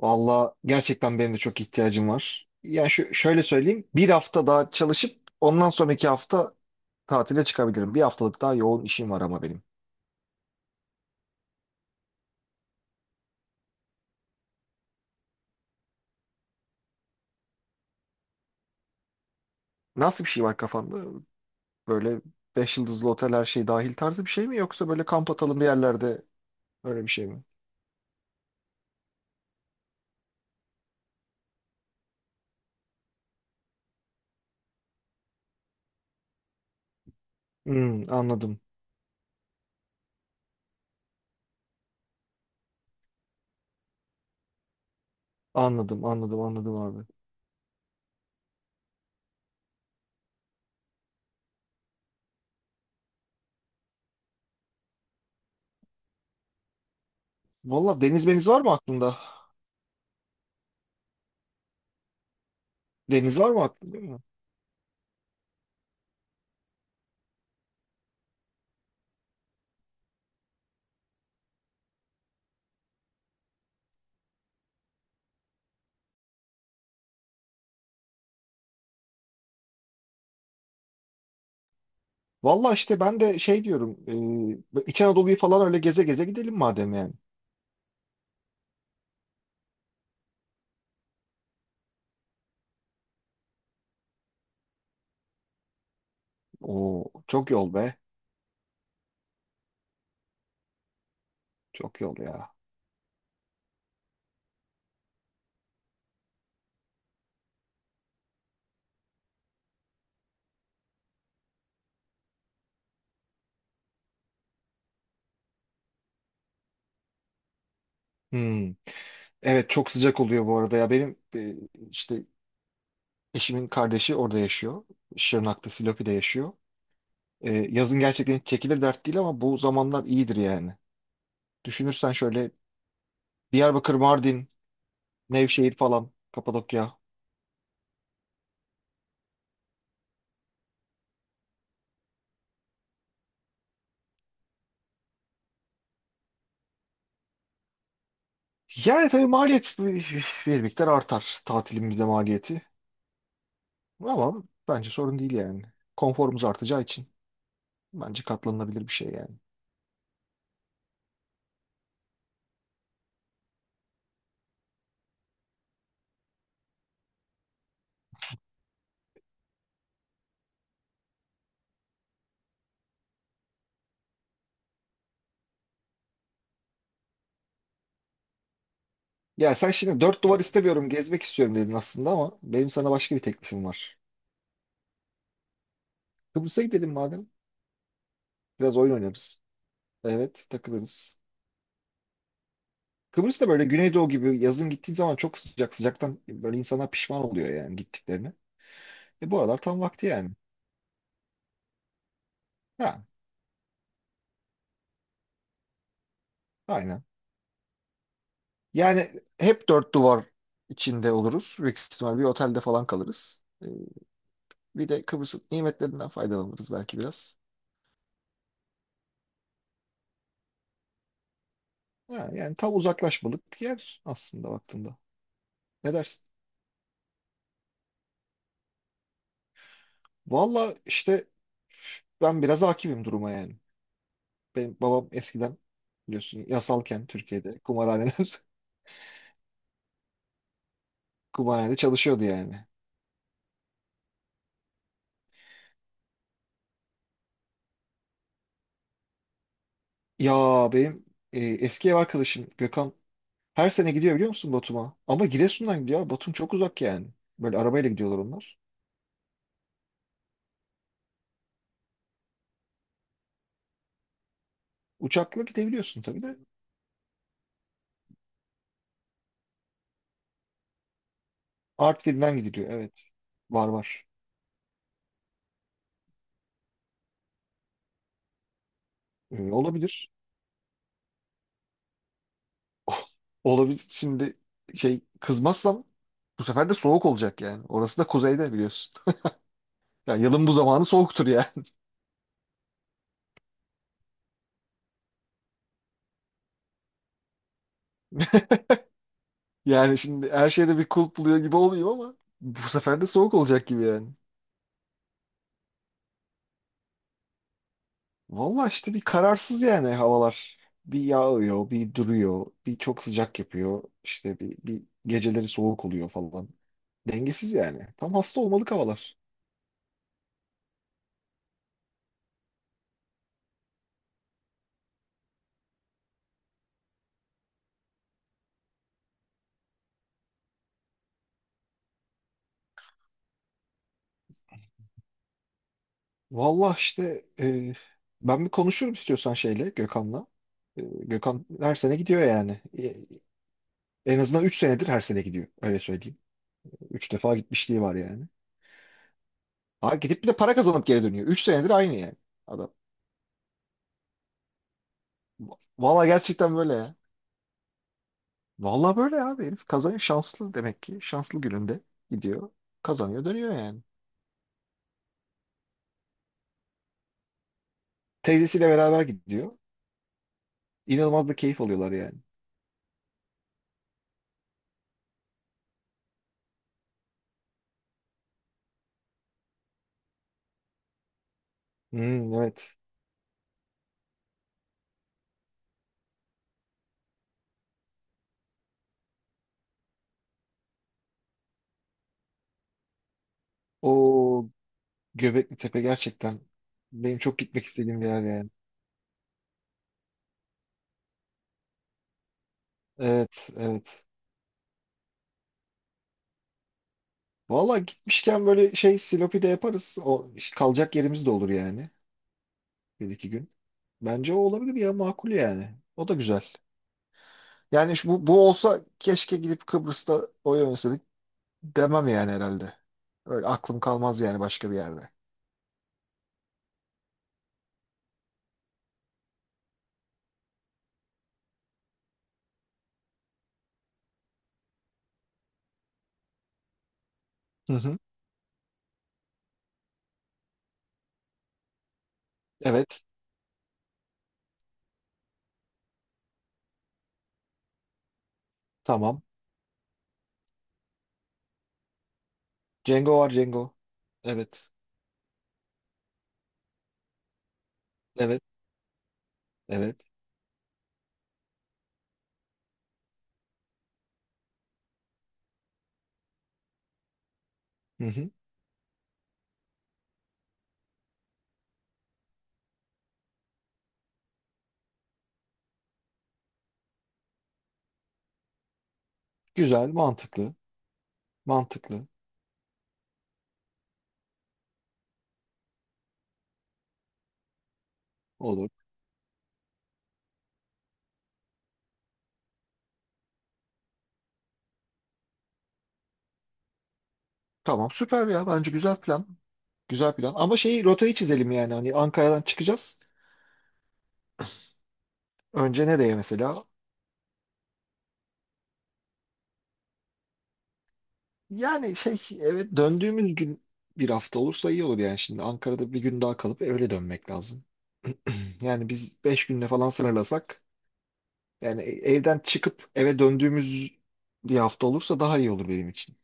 Valla gerçekten benim de çok ihtiyacım var. Yani şöyle söyleyeyim. Bir hafta daha çalışıp ondan sonraki hafta tatile çıkabilirim. Bir haftalık daha yoğun işim var ama benim. Nasıl bir şey var kafanda? Böyle 5 yıldızlı otel her şey dahil tarzı bir şey mi? Yoksa böyle kamp atalım bir yerlerde öyle bir şey mi? Hmm, anladım. Anladım, anladım, anladım abi. Valla deniz meniz var mı aklında? Deniz var mı aklında? Valla işte ben de şey diyorum. İç Anadolu'yu falan öyle geze geze gidelim madem yani. Oo, çok yol be. Çok yol ya. Hmm. Evet çok sıcak oluyor bu arada ya. Benim işte eşimin kardeşi orada yaşıyor. Şırnak'ta, Silopi'de yaşıyor. Yazın gerçekten hiç çekilir dert değil ama bu zamanlar iyidir yani. Düşünürsen şöyle Diyarbakır, Mardin, Nevşehir falan, Kapadokya. Yani tabii maliyet bir miktar artar tatilimizde maliyeti. Ama bence sorun değil yani. Konforumuz artacağı için bence katlanılabilir bir şey yani. Ya sen şimdi dört duvar istemiyorum, gezmek istiyorum dedin aslında ama benim sana başka bir teklifim var. Kıbrıs'a gidelim madem. Biraz oyun oynarız. Evet, takılırız. Kıbrıs da böyle Güneydoğu gibi yazın gittiğin zaman çok sıcak sıcaktan böyle insanlar pişman oluyor yani gittiklerine. Bu aralar tam vakti yani. Ha, aynen. Yani hep dört duvar içinde oluruz. Büyük ihtimal bir otelde falan kalırız. Bir de Kıbrıs'ın nimetlerinden faydalanırız belki biraz. Ha, yani tam uzaklaşmalık yer aslında baktığında. Ne dersin? Valla işte ben biraz hakimim duruma yani. Benim babam eskiden biliyorsun yasalken Türkiye'de kumarhaneler kumarhanede çalışıyordu yani. Ya benim eski ev arkadaşım Gökhan her sene gidiyor biliyor musun Batum'a? Ama Giresun'dan gidiyor. Abi, Batum çok uzak yani. Böyle arabayla gidiyorlar onlar. Uçakla gidebiliyorsun tabii de. Artvin'den gidiliyor evet. Var var. Olabilir. Olabilir. Şimdi şey kızmazsam bu sefer de soğuk olacak yani. Orası da kuzeyde biliyorsun. Yani yılın bu zamanı soğuktur yani. Yani şimdi her şeyde bir kulp buluyor gibi olmayayım ama bu sefer de soğuk olacak gibi yani. Valla işte bir kararsız yani havalar. Bir yağıyor, bir duruyor, bir çok sıcak yapıyor. İşte bir geceleri soğuk oluyor falan. Dengesiz yani. Tam hasta olmalık havalar. Valla işte ben bir konuşurum istiyorsan şeyle Gökhan'la. Gökhan her sene gidiyor yani. En azından 3 senedir her sene gidiyor. Öyle söyleyeyim. 3 defa gitmişliği var yani. Ha, gidip bir de para kazanıp geri dönüyor. 3 senedir aynı yani adam. Valla gerçekten böyle ya. Valla böyle abi herif kazanıyor şanslı demek ki. Şanslı gününde gidiyor. Kazanıyor dönüyor yani. Teyzesiyle beraber gidiyor. İnanılmaz bir keyif alıyorlar yani. Hmm, evet. O Göbekli Tepe gerçekten benim çok gitmek istediğim bir yer yani. Evet evet. Valla gitmişken böyle şey Silopi de yaparız. O işte kalacak yerimiz de olur yani. Bir iki gün. Bence o olabilir ya makul yani. O da güzel. Yani şu, bu olsa keşke gidip Kıbrıs'ta oy oynasaydık demem yani herhalde. Öyle aklım kalmaz yani başka bir yerde. Hı hı. Evet. Tamam. Cengo var Cengo. Evet. Evet. Evet. Hı hı. Güzel. Mantıklı. Mantıklı. Olur. Tamam. Süper ya. Bence güzel plan. Güzel plan. Ama rotayı çizelim yani. Hani Ankara'dan çıkacağız. Önce nereye mesela? Yani şey evet döndüğümüz gün bir hafta olursa iyi olur yani şimdi Ankara'da bir gün daha kalıp öyle dönmek lazım. Yani biz 5 günde falan sınırlasak yani evden çıkıp eve döndüğümüz bir hafta olursa daha iyi olur benim için.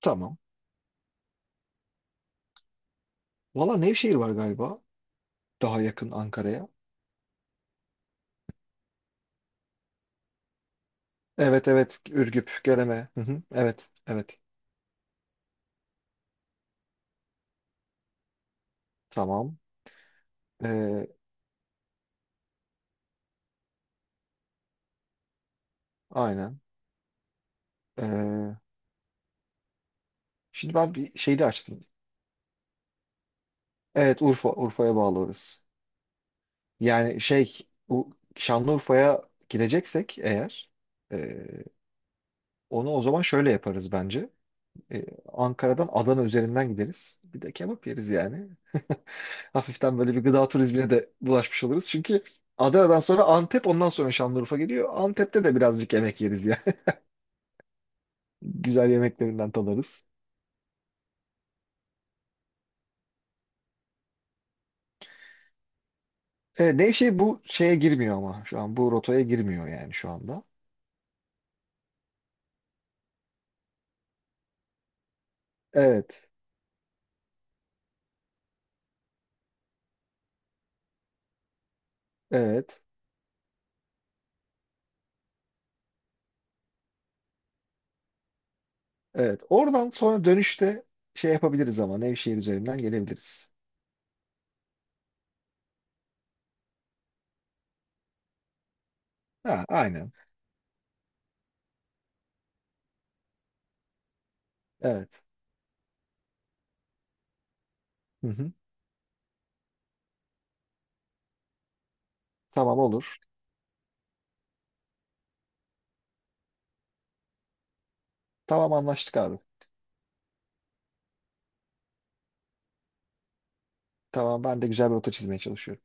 Tamam. Valla Nevşehir var galiba daha yakın Ankara'ya. Evet evet Ürgüp, Göreme. Hı hı, evet evet tamam. Ee, aynen. Ee, Şimdi ben bir şey de açtım. Evet Urfa, Urfa'ya bağlı orası. Yani şey bu Şanlıurfa'ya gideceksek eğer e, onu o zaman şöyle yaparız bence. E, Ankara'dan Adana üzerinden gideriz. Bir de kebap yeriz yani. Hafiften böyle bir gıda turizmine de bulaşmış oluruz. Çünkü Adana'dan sonra Antep ondan sonra Şanlıurfa geliyor. Antep'te de birazcık yemek yeriz yani. Güzel yemeklerinden tadarız. Nevşehir bu şeye girmiyor ama şu an bu rotaya girmiyor yani şu anda. Evet. Evet. Evet. Oradan sonra dönüşte şey yapabiliriz ama Nevşehir üzerinden gelebiliriz. Ha, aynen. Evet. Hı hı. Tamam olur. Tamam anlaştık abi. Tamam ben de güzel bir rota çizmeye çalışıyorum.